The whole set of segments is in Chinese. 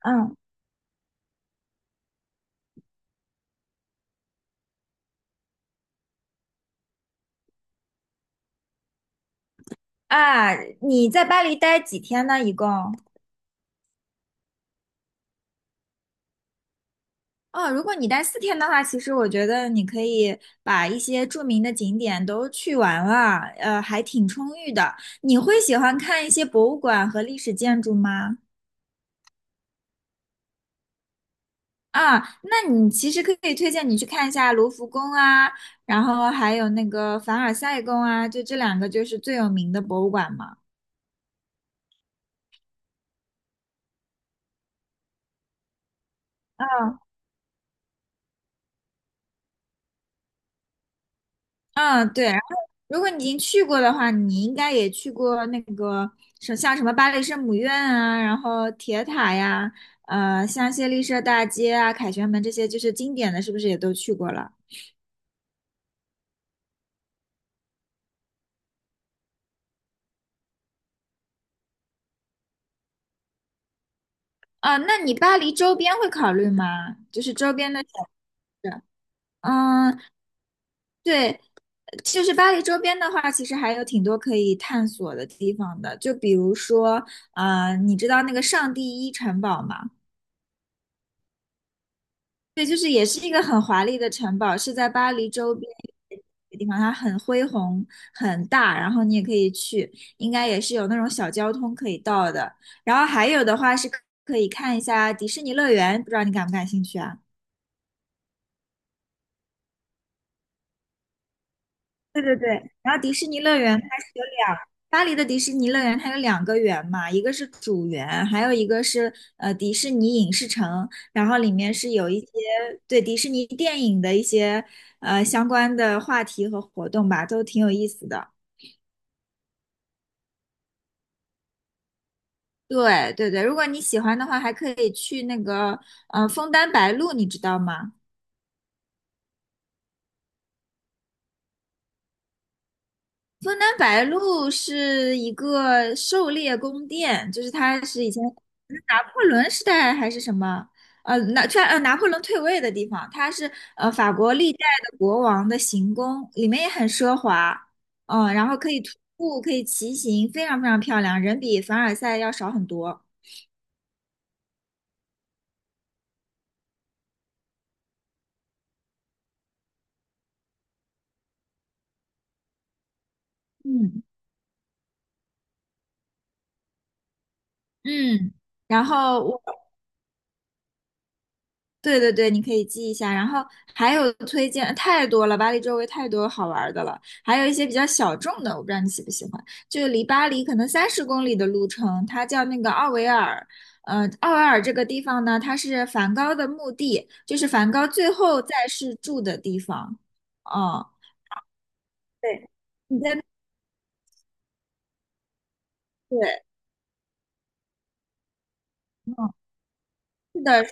嗯啊，你在巴黎待几天呢？一共？哦，如果你待4天的话，其实我觉得你可以把一些著名的景点都去完了，还挺充裕的。你会喜欢看一些博物馆和历史建筑吗？啊，那你其实可以推荐你去看一下卢浮宫啊，然后还有那个凡尔赛宫啊，就这两个就是最有名的博物馆嘛。嗯嗯，对。然后，如果你已经去过的话，你应该也去过那个像什么巴黎圣母院啊，然后铁塔呀，香榭丽舍大街啊，凯旋门这些就是经典的，是不是也都去过了？啊，那你巴黎周边会考虑吗？就是周边的小镇。嗯，对，就是巴黎周边的话，其实还有挺多可以探索的地方的，就比如说，你知道那个上帝一城堡吗？对，就是也是一个很华丽的城堡，是在巴黎周边一个地方，它很恢宏、很大，然后你也可以去，应该也是有那种小交通可以到的。然后还有的话是可以看一下迪士尼乐园，不知道你感不感兴趣啊？对对对，然后迪士尼乐园它是有两，巴黎的迪士尼乐园它有两个园嘛，一个是主园，还有一个是迪士尼影视城，然后里面是有一些对迪士尼电影的一些相关的话题和活动吧，都挺有意思的。对对对，如果你喜欢的话，还可以去那个枫丹白露，你知道吗？枫丹白露是一个狩猎宫殿，就是它是以前拿破仑时代还是什么，突然拿破仑退位的地方，它是法国历代的国王的行宫，里面也很奢华，然后可以徒步，可以骑行，非常非常漂亮，人比凡尔赛要少很多。嗯嗯，然后我对对对，你可以记一下。然后还有推荐太多了，巴黎周围太多好玩儿的了，还有一些比较小众的，我不知道你喜不喜欢。就离巴黎可能30公里的路程，它叫那个奥维尔。奥维尔这个地方呢，它是梵高的墓地，就是梵高最后在世住的地方。哦，对，你在对，嗯，是的，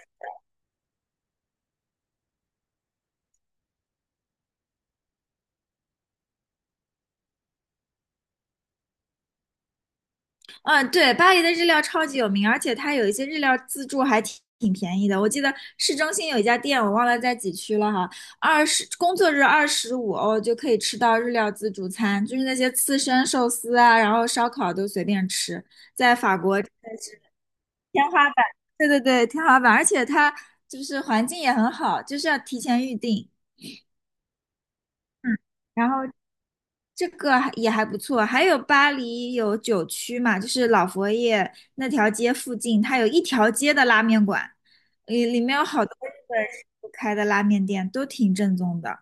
嗯，对，巴黎的日料超级有名，而且它有一些日料自助还挺挺便宜的。我记得市中心有一家店，我忘了在几区了哈，工作日25欧就可以吃到日料自助餐，就是那些刺身、寿司啊，然后烧烤都随便吃。在法国真的是天花板，对对对，天花板，而且它就是环境也很好，就是要提前预定。嗯，然后这个还也还不错，还有巴黎有9区嘛，就是老佛爷那条街附近，它有一条街的拉面馆，里面有好多日本师傅开的拉面店，都挺正宗的。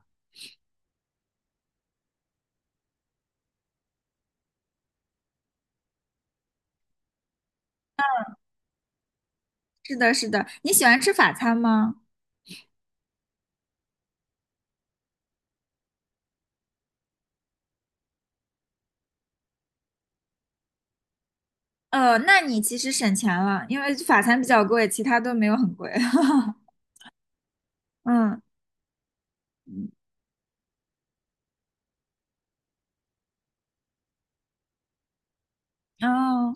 是的，是的，你喜欢吃法餐吗？那你其实省钱了，因为法餐比较贵，其他都没有很贵。嗯，哦，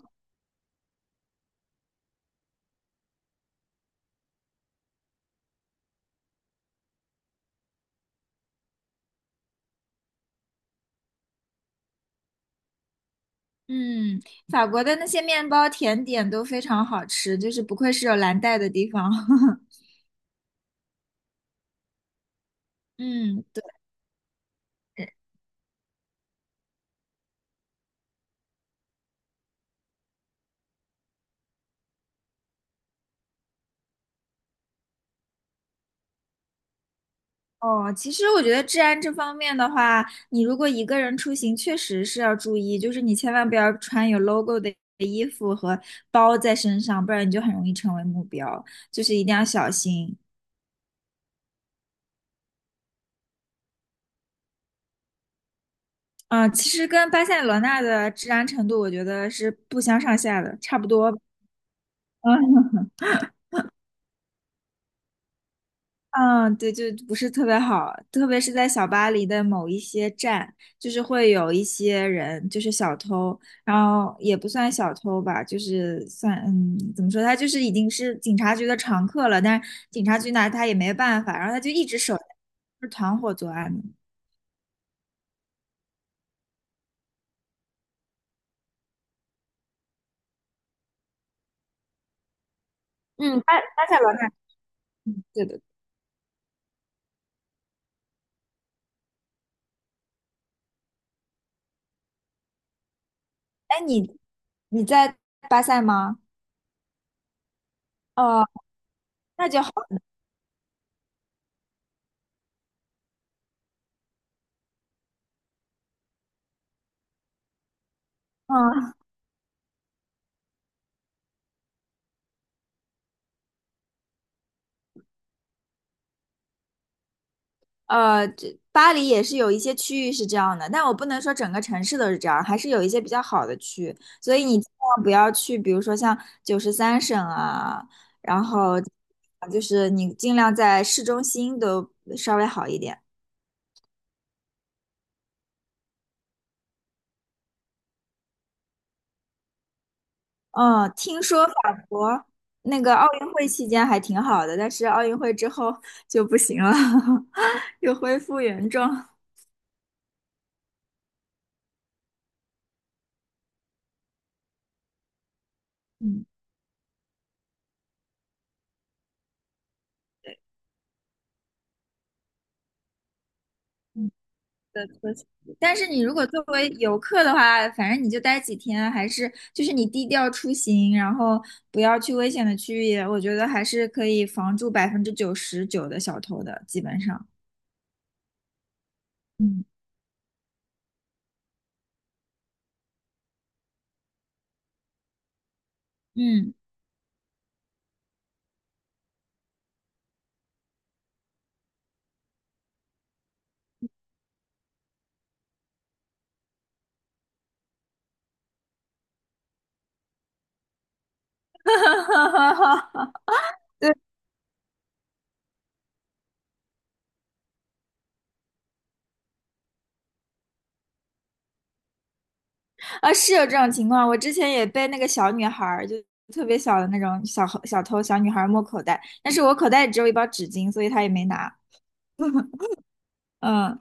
嗯，法国的那些面包甜点都非常好吃，就是不愧是有蓝带的地方。嗯，对。哦，其实我觉得治安这方面的话，你如果一个人出行，确实是要注意，就是你千万不要穿有 logo 的衣服和包在身上，不然你就很容易成为目标，就是一定要小心。啊,其实跟巴塞罗那的治安程度，我觉得是不相上下的，差不多吧。嗯嗯，对，就不是特别好，特别是在小巴黎的某一些站，就是会有一些人，就是小偷，然后也不算小偷吧，就是算，嗯，怎么说，他就是已经是警察局的常客了，但是警察局拿他也没办法，然后他就一直守着。是团伙作案的。嗯，巴塞罗那，对的。哎，你在巴塞吗？哦，那就好，嗯，这巴黎也是有一些区域是这样的，但我不能说整个城市都是这样，还是有一些比较好的区。所以你尽量不要去，比如说像93省啊，然后就是你尽量在市中心都稍微好一点。嗯，听说法国那个奥运会期间还挺好的，但是奥运会之后 就不行了，又恢复原状。嗯，对。嗯。的车型。但是你如果作为游客的话，反正你就待几天，还是就是你低调出行，然后不要去危险的区域，我觉得还是可以防住99%的小偷的，基本上。嗯嗯，啊，是有这种情况，我之前也被那个小女孩儿，就特别小的那种小小偷小女孩儿摸口袋，但是我口袋里只有一包纸巾，所以她也没拿。嗯，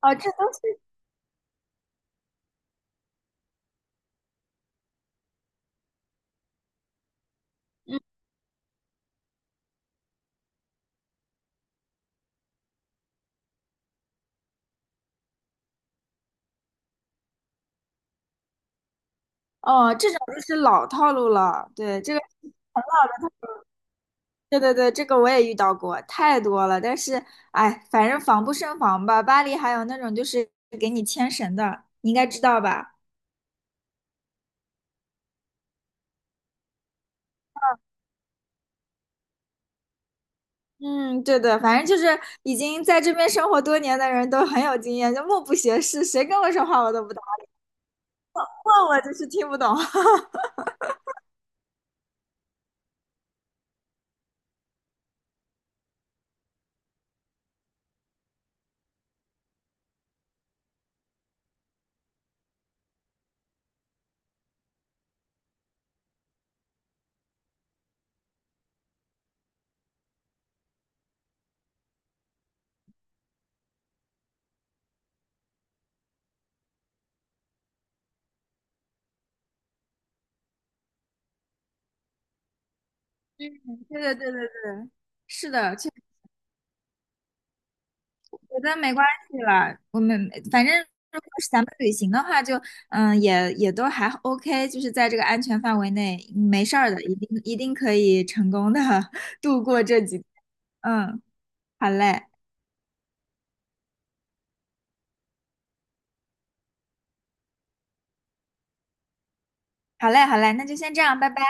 哦，这都是，嗯，哦，这种就是老套路了，对，这个对对对，这个我也遇到过，太多了。但是，哎，反正防不胜防吧。巴黎还有那种就是给你牵绳的，你应该知道吧？嗯，对对，反正就是已经在这边生活多年的人都很有经验，就目不斜视，谁跟我说话我都不懂，问我就是听不懂。嗯，对对对对对，是的，觉得没关系啦，我们反正如果是咱们旅行的话就，也都还 OK,就是在这个安全范围内，没事儿的，一定一定可以成功的 度过这几天。嗯，好嘞，好嘞，好嘞，那就先这样，拜拜。